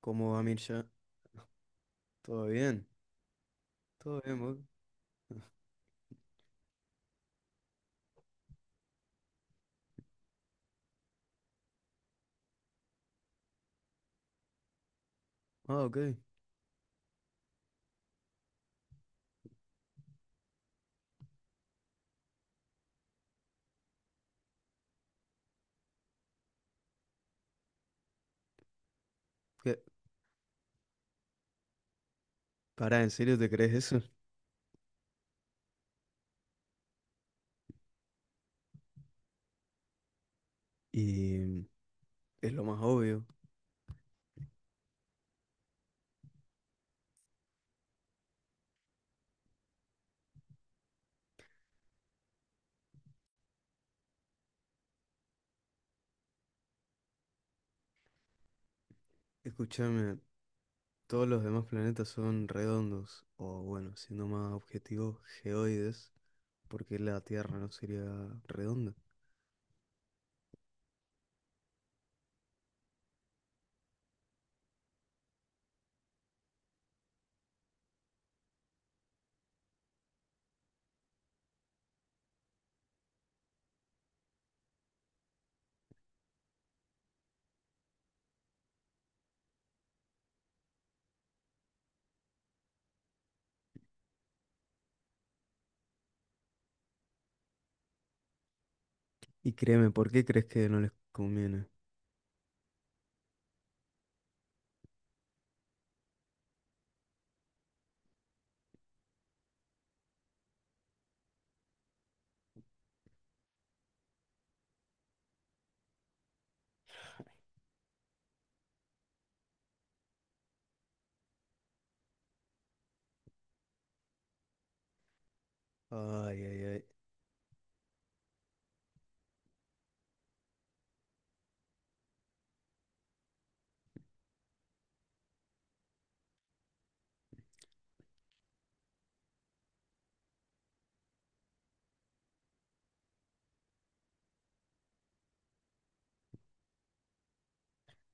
¿Cómo va, Mircha? ¿Todo bien? ¿Todo bien, vos? Ah, ok. ¿Qué? Pará, ¿en serio te crees eso? Y mm, es lo más obvio. Escúchame, todos los demás planetas son redondos, o bueno, siendo más objetivo, geoides, porque la Tierra no sería redonda. Y créeme, ¿por qué crees que no les conviene? Ay, ay, ay.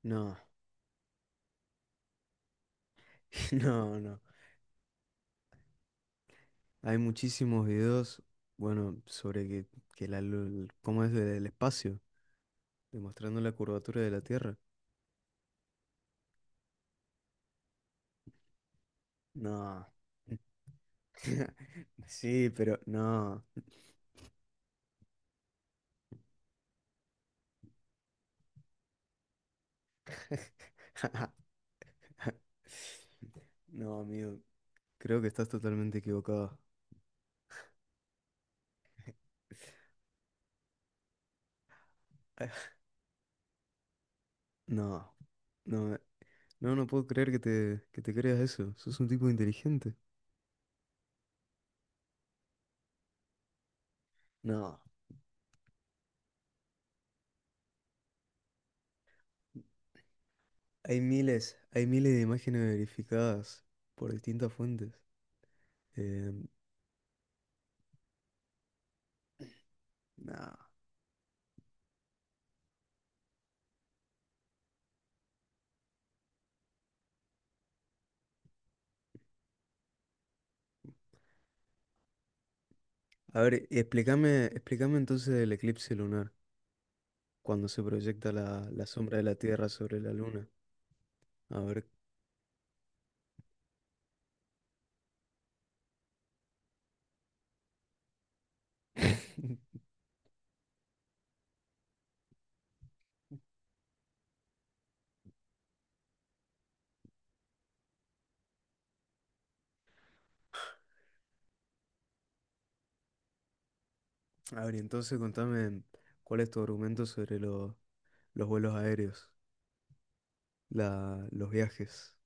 No, no, no. Hay muchísimos videos, bueno, sobre que la, lul- cómo es del espacio, demostrando la curvatura de la Tierra. No. Sí, pero no. No, amigo, creo que estás totalmente equivocado. No, no, no, no puedo creer que te creas eso. Sos un tipo inteligente. No, hay miles de imágenes verificadas por distintas fuentes. Eh, no. A ver, explícame entonces el eclipse lunar, cuando se proyecta la sombra de la Tierra sobre la Luna. A ver. A ver, y entonces contame cuál es tu argumento sobre los vuelos aéreos, los viajes.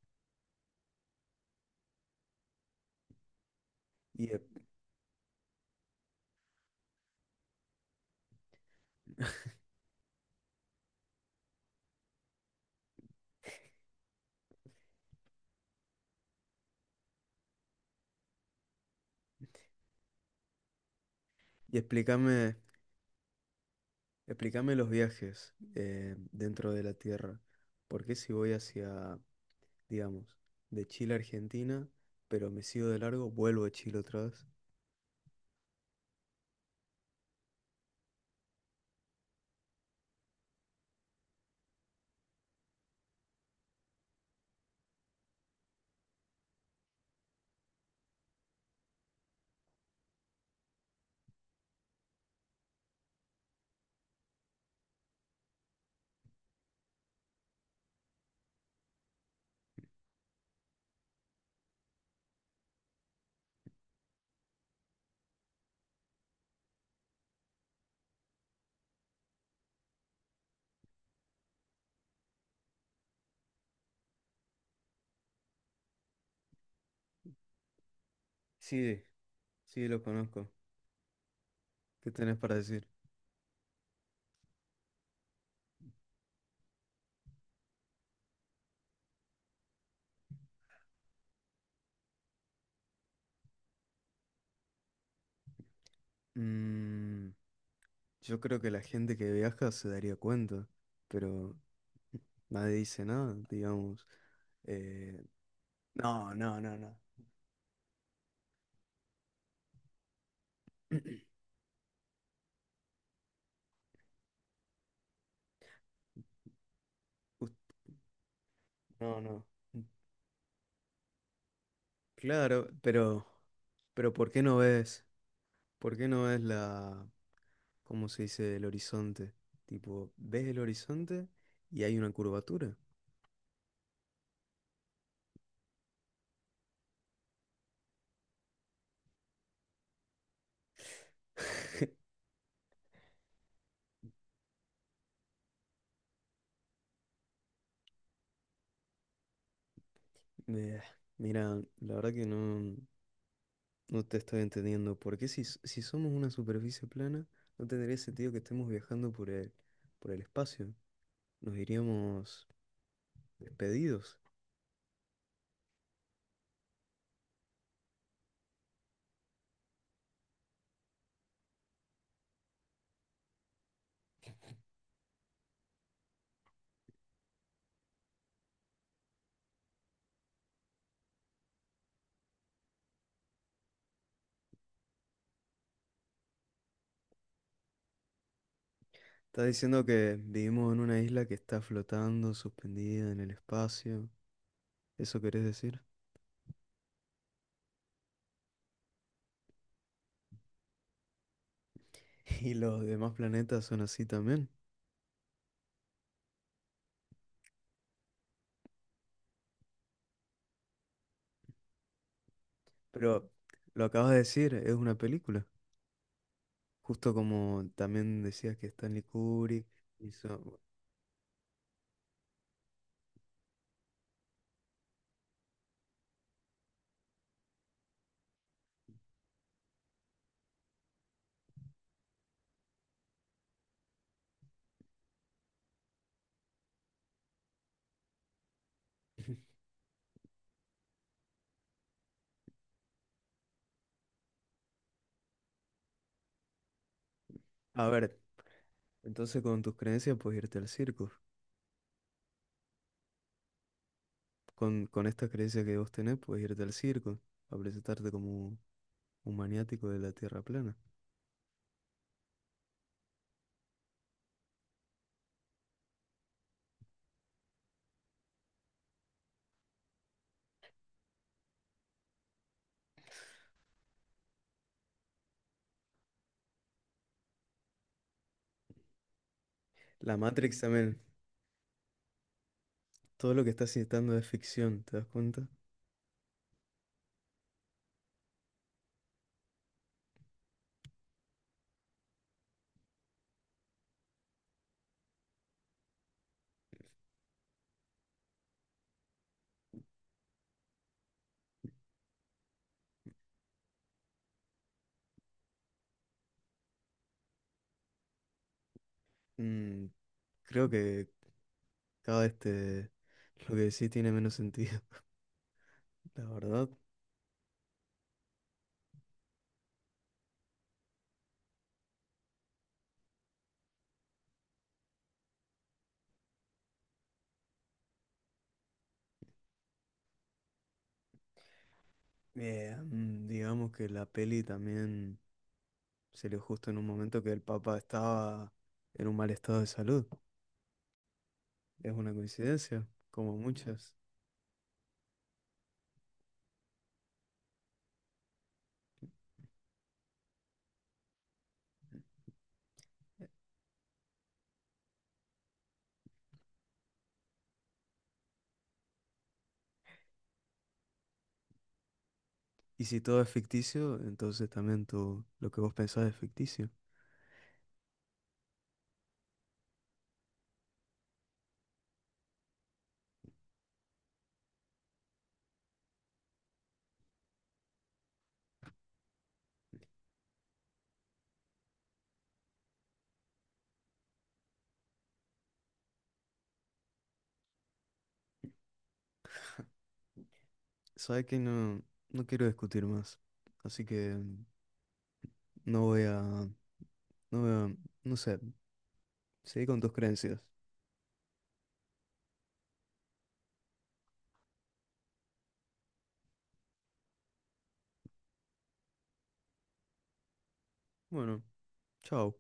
Y, e- y explícame, explícame los viajes dentro de la Tierra. ¿Por qué si voy hacia, digamos, de Chile a Argentina, pero me sigo de largo, vuelvo a Chile otra vez? Sí, sí, lo conozco. ¿Qué tenés para decir? Mm, yo creo que la gente que viaja se daría cuenta, pero nadie dice nada, digamos. Eh, no, no, no, no. Us- No, no. Mm. Claro, pero ¿por qué no ves? ¿Por qué no ves la, ¿cómo se dice? El horizonte. Tipo, ves el horizonte y hay una curvatura. Eh, Mira, la verdad que no, no te estoy entendiendo. ¿Por qué si, s- ¿Si somos una superficie plana, no tendría sentido que estemos viajando por el espacio? Nos iríamos despedidos. Está diciendo que vivimos en una isla que está flotando, suspendida en el espacio. ¿Eso querés decir? Y los demás planetas son así también. Pero lo acabas de decir, es una película. Justo como también decías que Stanley Kubrick hizo... A ver, entonces con tus creencias puedes irte al circo. Con estas creencias que vos tenés puedes irte al circo a presentarte como un maniático de la Tierra plana. La Matrix también. Todo lo que estás citando es ficción, ¿te das cuenta? Mm, creo que cada este lo que decís tiene menos sentido, la verdad. Digamos que la peli también salió justo en un momento que el Papa estaba en un mal estado de salud. Es una coincidencia, como muchas. Y si todo es ficticio, entonces también tú, lo que vos pensás es ficticio. Sabes que no, no quiero discutir más. Así que mm, no voy a, no voy a, no sé, seguí con tus creencias. Bueno, chao.